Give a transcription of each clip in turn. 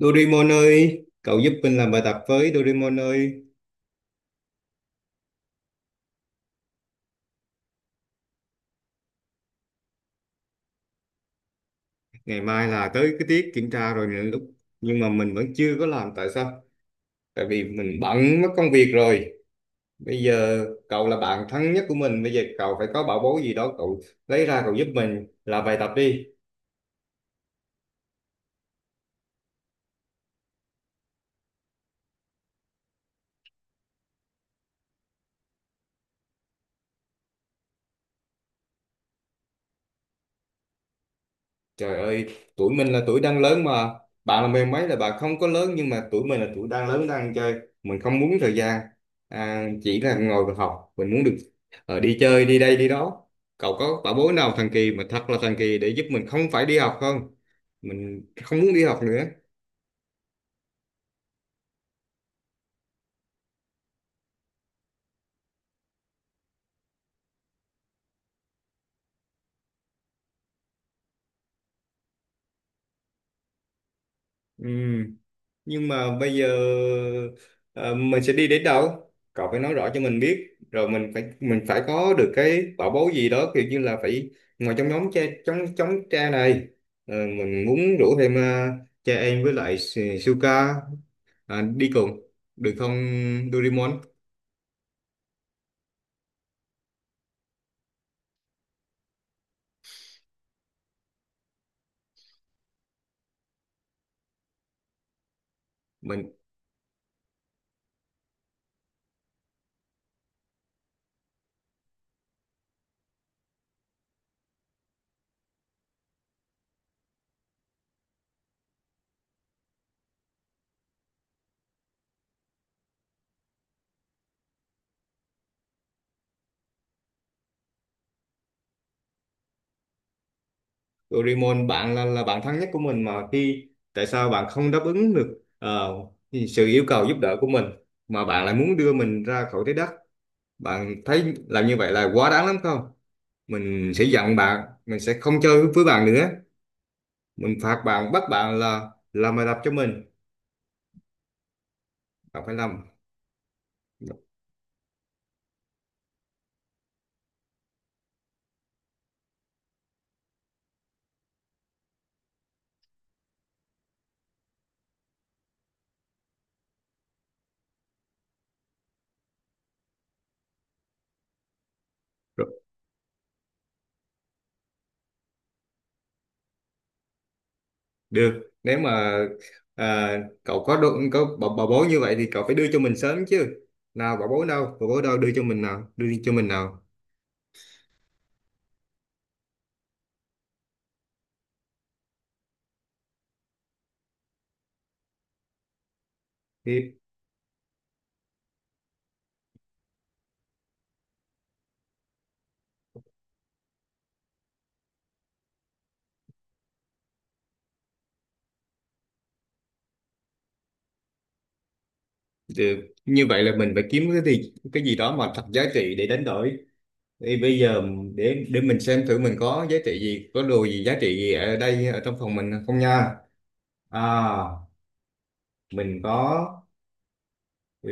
Doraemon ơi, cậu giúp mình làm bài tập với Doraemon ơi. Ngày mai là tới cái tiết kiểm tra rồi nè lúc nhưng mà mình vẫn chưa có làm tại sao? Tại vì mình bận mất công việc rồi. Bây giờ cậu là bạn thân nhất của mình, bây giờ cậu phải có bảo bối gì đó cậu lấy ra cậu giúp mình làm bài tập đi. Trời ơi, tuổi mình là tuổi đang lớn mà. Bạn là mười mấy là bạn không có lớn nhưng mà tuổi mình là tuổi đang lớn đang chơi. Mình không muốn thời gian chỉ là ngồi và học. Mình muốn được đi chơi, đi đây, đi đó. Cậu có bảo bối nào thần kỳ mà thật là thần kỳ để giúp mình không phải đi học không? Mình không muốn đi học nữa. Ừ. Nhưng mà bây giờ ờ, mình sẽ đi đến đâu cậu phải nói rõ cho mình biết rồi mình phải có được cái bảo bối gì đó kiểu như là phải ngồi trong nhóm cha trong trong cha này, mình muốn rủ thêm cha em với lại Suka đi cùng được không Doraemon mình Doraemon bạn là bạn thân nhất của mình mà khi tại sao bạn không đáp ứng được sự yêu cầu giúp đỡ của mình mà bạn lại muốn đưa mình ra khỏi thế đất. Bạn thấy làm như vậy là quá đáng lắm không? Mình sẽ giận bạn, mình sẽ không chơi với bạn nữa. Mình phạt bạn, bắt bạn là làm bài tập cho mình. Bạn phải làm. Rồi, được, nếu mà à, cậu có đồ, bảo bối như vậy thì cậu phải đưa cho mình sớm chứ. Nào bảo bối đâu đưa cho mình nào, đưa cho mình nào. Thì, được, như vậy là mình phải kiếm cái gì đó mà thật giá trị để đánh đổi. Thì bây giờ để mình xem thử mình có giá trị gì, có đồ gì giá trị gì ở đây ở trong phòng mình không nha. À, mình có ừ,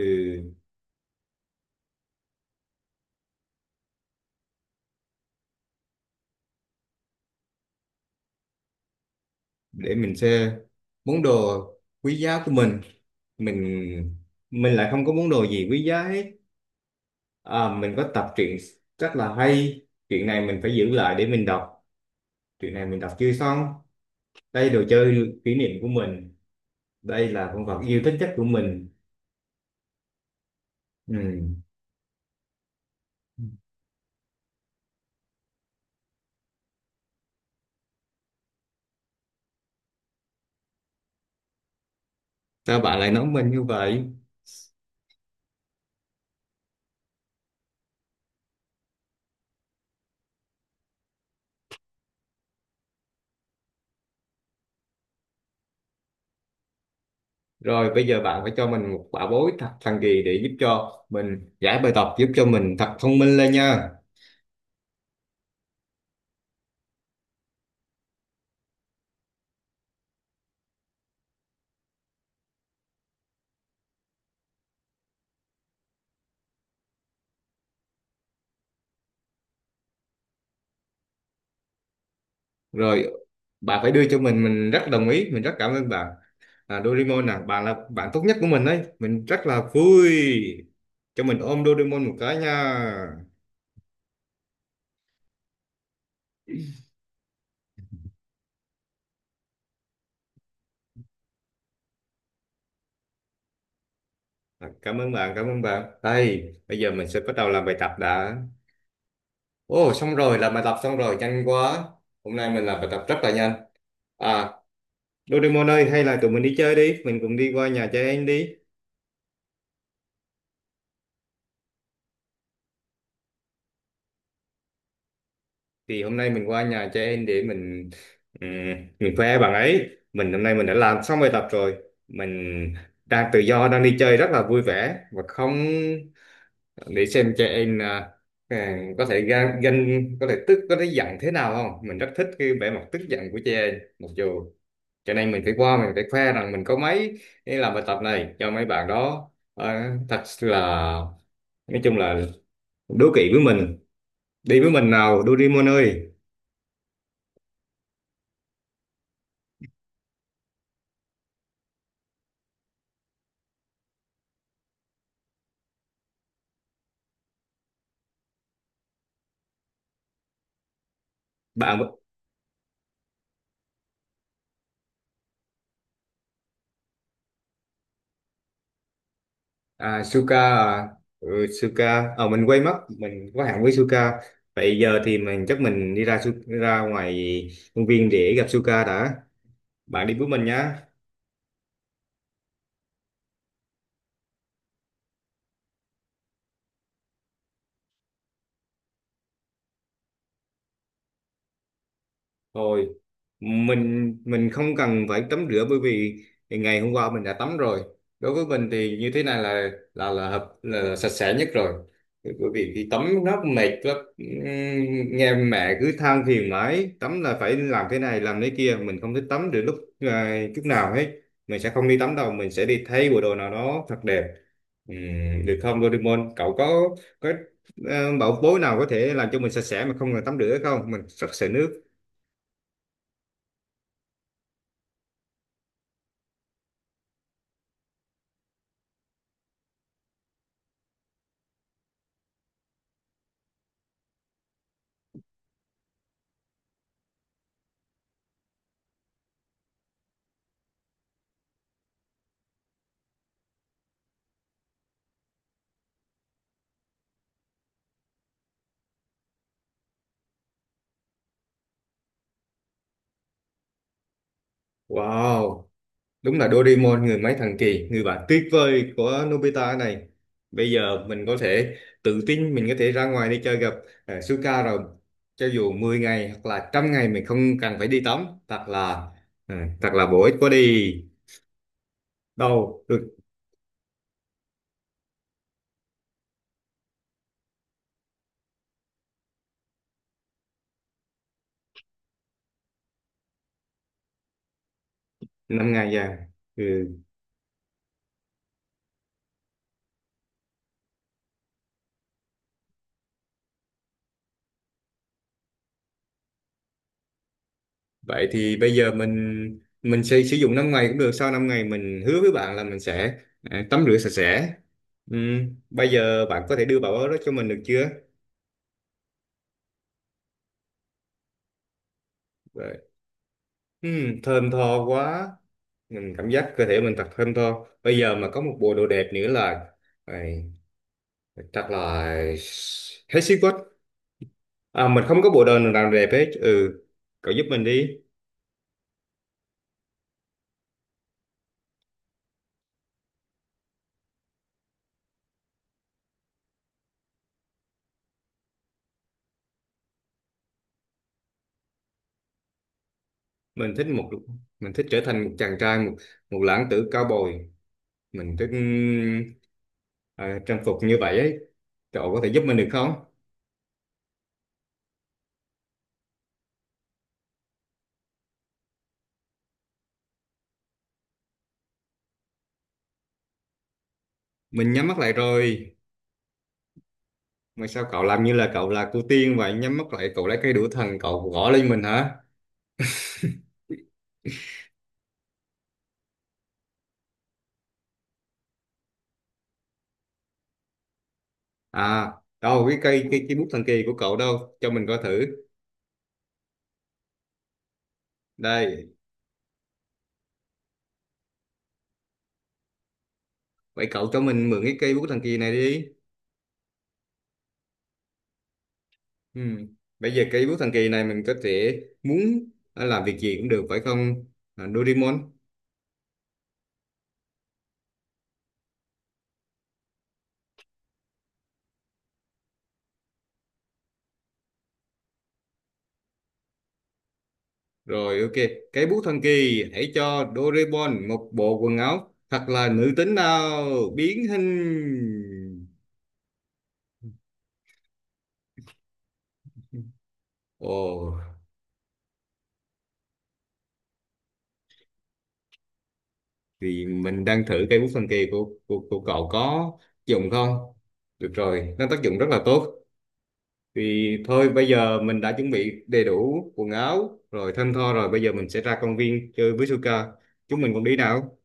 để mình xem món đồ quý giá của mình. Mình mình lại không có món đồ gì quý giá hết. À, mình có tập truyện rất là hay. Chuyện này mình phải giữ lại để mình đọc. Chuyện này mình đọc chưa xong. Đây đồ chơi kỷ niệm của mình. Đây là con vật yêu thích nhất của mình. Ừ. Sao bạn lại nói mình như vậy? Rồi bây giờ bạn phải cho mình một bảo bối thật thần kỳ để giúp cho mình giải bài tập, giúp cho mình thật thông minh lên nha. Rồi bà phải đưa cho mình rất đồng ý, mình rất cảm ơn bà. À, Doraemon à, bà là bạn tốt nhất của mình đấy, mình rất là vui. Cho mình ôm Doraemon một cái nha. À, cảm ơn bạn cảm ơn bạn, đây bây giờ mình sẽ bắt đầu làm bài tập đã. Ồ xong rồi, làm bài tập xong rồi nhanh quá. Hôm nay mình làm bài tập rất là nhanh. À, Doraemon ơi hay là tụi mình đi chơi đi, mình cùng đi qua nhà trẻ em đi. Thì hôm nay mình qua nhà trẻ em để ừm, mình khoe bạn ấy, mình hôm nay mình đã làm xong bài tập rồi. Mình đang tự do đang đi chơi rất là vui vẻ và không, để xem trẻ em có thể gan có thể tức có thể giận thế nào không, mình rất thích cái vẻ mặt tức giận của trẻ em mặc dù, cho nên mình phải qua mình phải khoe rằng mình có mấy cái làm bài tập này cho mấy bạn đó. À, thật là, nói chung là đố kỵ với mình. Đi với mình nào Doraemon ơi bạn. À, Suka à, ừ, Suka ờ mình quên mất mình có hẹn với Suka. Vậy giờ thì mình chắc mình đi ra ra ngoài công viên để gặp Suka đã. Bạn đi với mình nhé. Thôi, mình không cần phải tắm rửa bởi vì ngày hôm qua mình đã tắm rồi. Đối với mình thì như thế này là là hợp là sạch sẽ nhất rồi. Bởi vì khi tắm rất mệt lắm. Nghe mẹ cứ than phiền mãi, tắm là phải làm thế này làm thế kia, mình không thích tắm được lúc chút nào hết. Mình sẽ không đi tắm đâu, mình sẽ đi thay bộ đồ nào đó thật đẹp. Được không Doraemon? Cậu có bảo bối nào có thể làm cho mình sạch sẽ mà không cần tắm rửa không? Mình rất sợ nước. Wow, đúng là Doraemon người máy thần kỳ, người bạn tuyệt vời của Nobita này. Bây giờ mình có thể tự tin, mình có thể ra ngoài đi chơi gặp Suka rồi. Cho dù 10 ngày hoặc là trăm ngày mình không cần phải đi tắm, thật là ờ, thật là bổ ích quá đi. Đâu, được năm ngày vàng. Ừ. Vậy thì bây giờ mình sẽ sử dụng 5 ngày cũng được, sau 5 ngày mình hứa với bạn là mình sẽ tắm rửa sạch sẽ. Ừ. Bây giờ bạn có thể đưa bảo đó cho mình được chưa? Ừ, thơm tho quá, mình cảm giác cơ thể mình thật thơm tho, bây giờ mà có một bộ đồ đẹp nữa là ấy, chắc là hết sức quá. À, mình không có bộ đồ nào đẹp hết. Ừ, cậu giúp mình đi. Mình thích một, mình thích trở thành một chàng trai, một lãng tử cao bồi. Mình thích ừ, à, trang phục như vậy ấy, cậu có thể giúp mình được không? Mình nhắm mắt lại rồi. Mà sao cậu làm như là cậu là cô tiên vậy, nhắm mắt lại cậu lấy cây đũa thần cậu gõ lên mình hả? À, đâu cái cây cái bút thần kỳ của cậu đâu? Cho mình coi thử. Đây, vậy cậu cho mình mượn cái cây bút thần kỳ này đi. Ừ. Bây giờ cây bút thần kỳ này mình có thể muốn làm việc gì cũng được phải không? À, Doraemon. Rồi ok, cây bút thần kỳ hãy cho Doraemon một bộ quần áo thật là nữ tính nào, biến hình. Ồ, thì mình đang thử cây bút thần kỳ của cậu có tác dụng không? Được rồi, nó tác dụng rất là tốt. Thì thôi bây giờ mình đã chuẩn bị đầy đủ quần áo rồi thơm tho rồi, bây giờ mình sẽ ra công viên chơi với Suka. Chúng mình cùng đi nào.